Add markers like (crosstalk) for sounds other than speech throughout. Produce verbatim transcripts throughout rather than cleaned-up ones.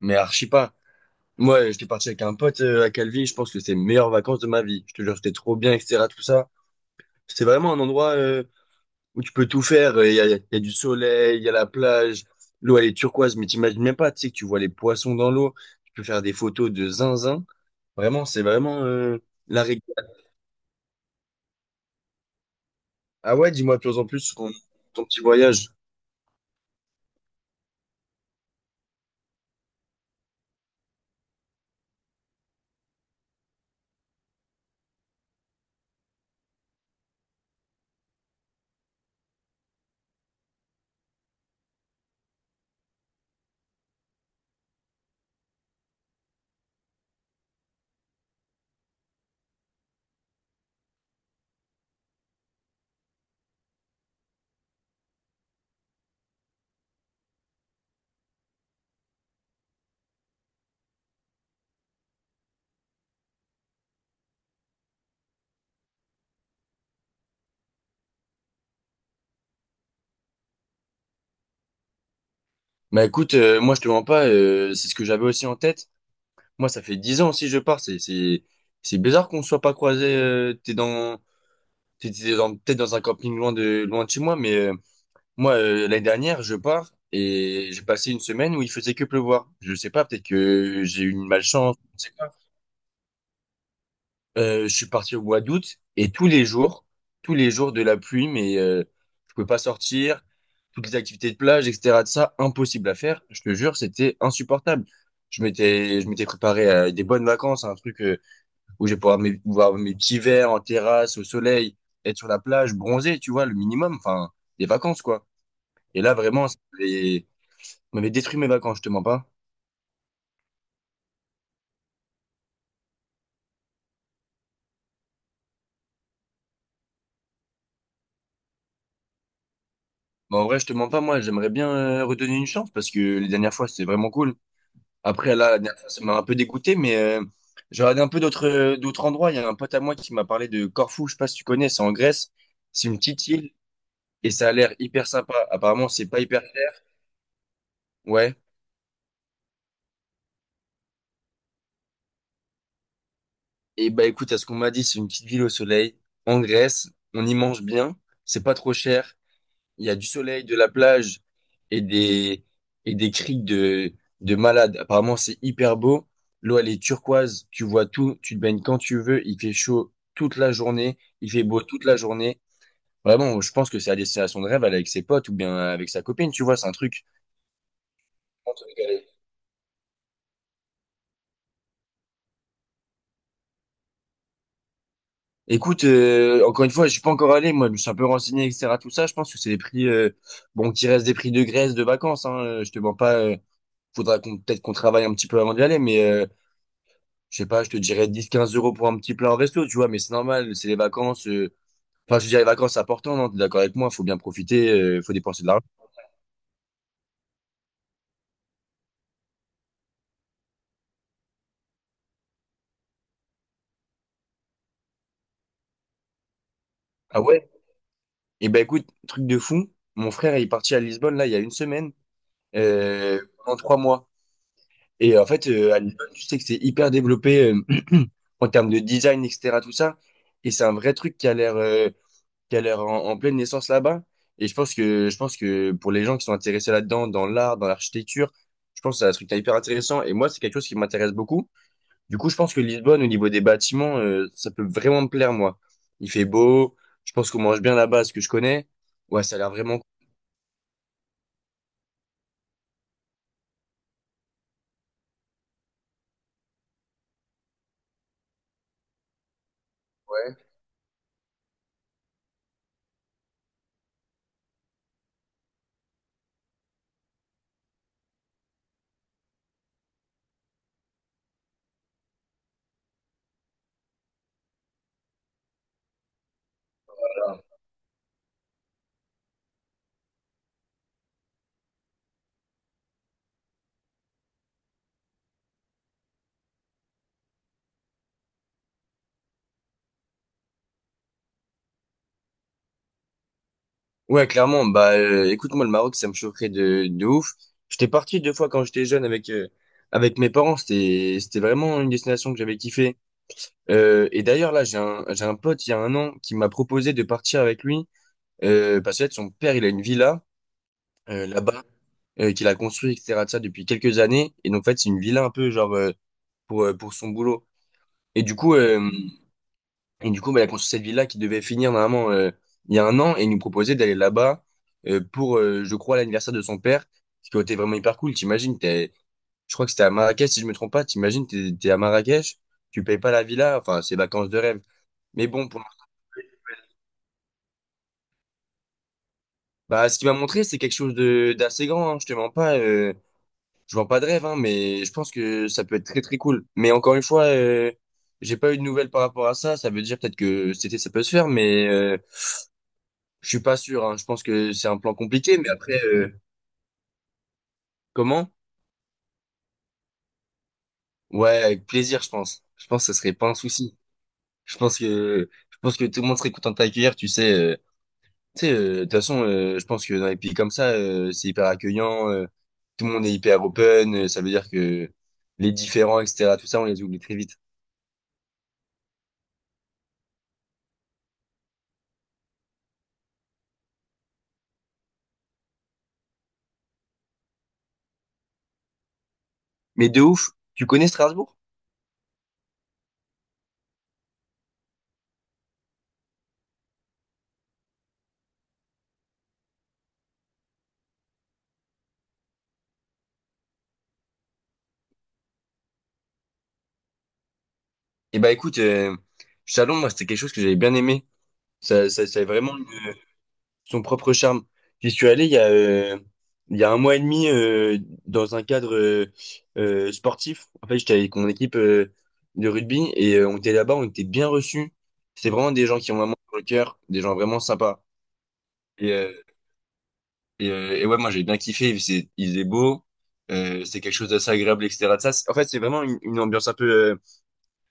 Mais archi pas. Moi, j'étais parti avec un pote euh, à Calvi. Je pense que c'est les meilleures vacances de ma vie. Je te jure, c'était trop bien, et cetera. Tout ça. C'est vraiment un endroit euh, où tu peux tout faire. Il y a, y a du soleil, il y a la plage. L'eau, elle est turquoise, mais t'imagines même pas. Tu sais que tu vois les poissons dans l'eau. Tu peux faire des photos de zinzin. Vraiment, c'est vraiment euh, la règle. Ah ouais, dis-moi de plus en plus sur ton, ton petit voyage. Bah écoute, euh, moi, je te mens pas. Euh, c'est ce que j'avais aussi en tête. Moi, ça fait dix ans aussi que je pars. C'est, c'est, c'est bizarre qu'on ne soit pas croisés. Euh, t'es dans C'était dans- peut-être dans un camping loin de, loin de chez moi, mais euh, moi, euh, l'année dernière, je pars et j'ai passé une semaine où il faisait que pleuvoir. Je sais pas, peut-être que j'ai eu une malchance, je sais pas. Euh, je suis parti au mois d'août et tous les jours, tous les jours de la pluie, mais euh, je pouvais pas sortir, toutes les activités de plage, et cetera de ça, impossible à faire. Je te jure, c'était insupportable. Je m'étais, je m'étais préparé à des bonnes vacances, un truc euh, où je vais pouvoir mes, boire mes petits verres en terrasse, au soleil, être sur la plage, bronzer, tu vois, le minimum, enfin, des vacances, quoi. Et là, vraiment, ça m'avait ça m'avait détruit mes vacances, je te mens pas. Mais en vrai, je te mens pas, moi, j'aimerais bien euh, redonner une chance parce que les dernières fois, c'était vraiment cool. Après, là, la dernière fois, ça m'a un peu dégoûté, mais euh, j'ai regardé un peu d'autres euh, d'autres endroits. Il y a un pote à moi qui m'a parlé de Corfou, je sais pas si tu connais, c'est en Grèce. C'est une petite île et ça a l'air hyper sympa. Apparemment, c'est pas hyper cher. Ouais. Et bah écoute, à ce qu'on m'a dit, c'est une petite ville au soleil, en Grèce, on y mange bien, c'est pas trop cher, il y a du soleil, de la plage et des et des criques de de malades. Apparemment, c'est hyper beau. L'eau, elle est turquoise, tu vois tout, tu te baignes quand tu veux, il fait chaud toute la journée, il fait beau toute la journée. Vraiment, je pense que c'est la destination de rêve, aller avec ses potes ou bien avec sa copine, tu vois, c'est un truc. Écoute, euh, encore une fois, je suis pas encore allé, moi, je me suis un peu renseigné, et cetera. Tout ça, je pense que c'est des prix, euh, bon, qui restent des prix de Grèce, de vacances, hein, euh, je te mens pas, euh, faudra qu'on, peut-être qu'on travaille un petit peu avant d'y aller, mais euh, je sais pas, je te dirais dix à quinze euros pour un petit plat en resto, tu vois, mais c'est normal, c'est les vacances, euh, enfin, je veux dire, les vacances, c'est important, non, t'es d'accord avec moi, faut bien profiter, euh, faut dépenser de l'argent. Ah ouais? Eh ben écoute, truc de fou, mon frère il est parti à Lisbonne, là, il y a une semaine, euh, pendant trois mois. Et euh, en fait, euh, à Lisbonne, tu sais que c'est hyper développé euh, (clears throat) en termes de design, et cetera. Tout ça. Et c'est un vrai truc qui a l'air euh, qui a l'air en, en pleine naissance là-bas. Et je pense que je pense que pour les gens qui sont intéressés là-dedans, dans l'art, dans l'architecture, je pense que c'est un truc hyper intéressant. Et moi, c'est quelque chose qui m'intéresse beaucoup. Du coup, je pense que Lisbonne, au niveau des bâtiments, euh, ça peut vraiment me plaire, moi. Il fait beau. Je pense qu'on mange bien là-bas, ce que je connais. Ouais, ça a l'air vraiment cool. Ouais, clairement. Bah, euh, écoute, moi, le Maroc, ça me choquerait de, de ouf. J'étais parti deux fois quand j'étais jeune avec, euh, avec mes parents. C'était, c'était vraiment une destination que j'avais kiffé. Euh, et d'ailleurs, là, j'ai un, j'ai un pote, il y a un an, qui m'a proposé de partir avec lui. Euh, parce que, en fait, son père, il a une villa, euh, là-bas, euh, qu'il a construit, et cetera, de ça, depuis quelques années. Et donc, en fait, c'est une villa un peu, genre, euh, pour, euh, pour son boulot. Et du coup, euh, Et du coup, bah, il a construit cette ville-là qui devait finir normalement euh, il y a un an et il nous proposait d'aller là-bas euh, pour, euh, je crois, l'anniversaire de son père, ce qui aurait été vraiment hyper cool. T'imagines, t'es, je crois que c'était à Marrakech, si je me trompe pas. T'imagines, t'es, t'es à Marrakech, tu payes pas la villa, enfin, c'est vacances de rêve. Mais bon, pour... Bah, ce qu'il m'a montré, c'est quelque chose de d'assez grand. Hein, je te mens pas, euh, je vends pas de rêve, hein, mais je pense que ça peut être très très cool. Mais encore une fois, euh, j'ai pas eu de nouvelles par rapport à ça. Ça veut dire peut-être que c'était ça peut se faire, mais euh, je suis pas sûr, hein. Je pense que c'est un plan compliqué, mais après, euh, comment? Ouais, avec plaisir, je pense. Je pense que ce serait pas un souci. Je pense que, je pense que tout le monde serait content de t'accueillir, tu sais. Euh, tu sais, euh, de toute façon, euh, je pense que dans les pays comme ça, euh, c'est hyper accueillant. Euh, tout le monde est hyper open. Euh, ça veut dire que les différents, et cetera, tout ça, on les oublie très vite. Mais de ouf, tu connais Strasbourg? Eh ben, écoute, euh, Chalon, moi, c'était quelque chose que j'avais bien aimé. Ça, ça, c'est vraiment son propre charme. J'y suis allé il y a, euh, il y a un mois et demi euh, dans un cadre euh, euh, sportif. En fait, j'étais avec mon équipe euh, de rugby et euh, on était là-bas, on était bien reçus. C'est vraiment des gens qui ont vraiment sur le cœur, des gens vraiment sympas. Et, euh, et, euh, et ouais, moi j'ai bien kiffé. C'est, il faisait beau, euh, c'est quelque chose d'assez agréable, et cetera. Ça, c'est- en fait, c'est vraiment une, une ambiance un peu, euh,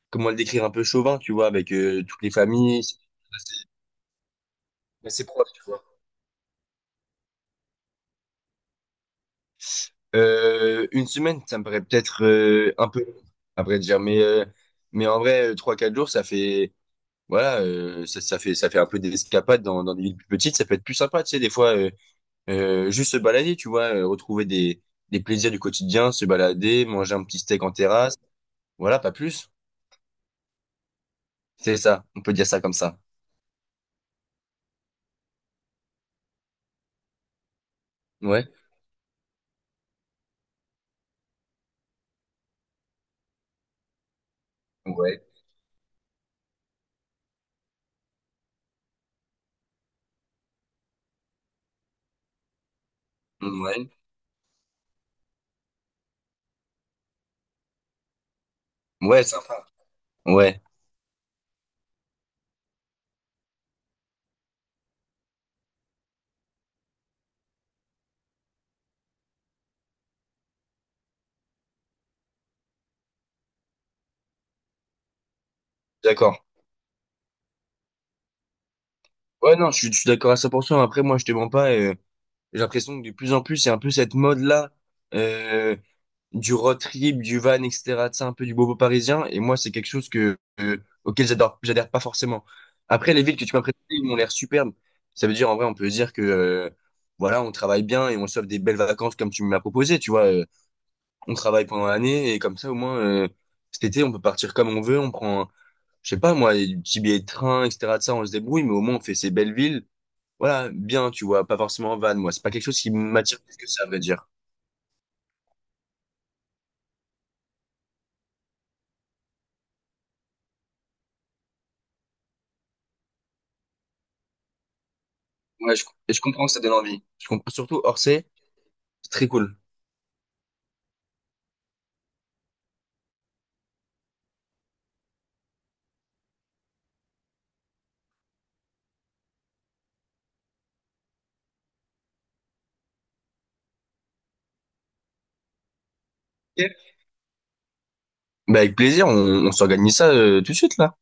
comment le décrire, un peu chauvin, tu vois, avec euh, toutes les familles. C'est c'est- c'est propre. Euh, une semaine, ça me paraît peut-être euh, un peu long, à dire, mais euh, mais en vrai, euh, trois quatre jours, ça fait voilà, euh, ça, ça fait ça fait un peu des escapades dans dans des villes plus petites, ça peut être plus sympa, tu sais, des fois euh, euh, juste se balader, tu vois, euh, retrouver des des plaisirs du quotidien, se balader, manger un petit steak en terrasse, voilà, pas plus. C'est ça, on peut dire ça comme ça. Ouais, ouais, ouais, ouais, sympa. Ouais, d'accord. Ouais, non, je suis je suis d'accord à cent pour cent. Après, moi, je te mens pas. euh, J'ai l'impression que de plus en plus, c'est un peu cette mode-là euh, du road trip, du van, et cetera. C'est un peu du bobo parisien. Et moi, c'est quelque chose que euh, auquel j'adore, j'adhère pas forcément. Après, les villes que tu m'as présentées, ils m'ont l'air superbes. Ça veut dire, en vrai, on peut dire que euh, voilà, on travaille bien et on sauve des belles vacances comme tu m'as proposé. Tu vois, Euh, on travaille pendant l'année et comme ça, au moins, euh, cet été, on peut partir comme on veut. On prend, je sais pas moi, des petits billets de train, et cetera. De ça, on se débrouille, mais au moins, on fait ces belles villes, voilà, bien, tu vois, pas forcément en van, moi. C'est pas quelque chose qui m'attire plus que ça, à vrai dire. Ouais, je, et je comprends que ça donne envie. Je comprends surtout Orsay, c'est très cool. Ok. Bah, avec plaisir, on, on s'organise ça euh, tout de suite, là.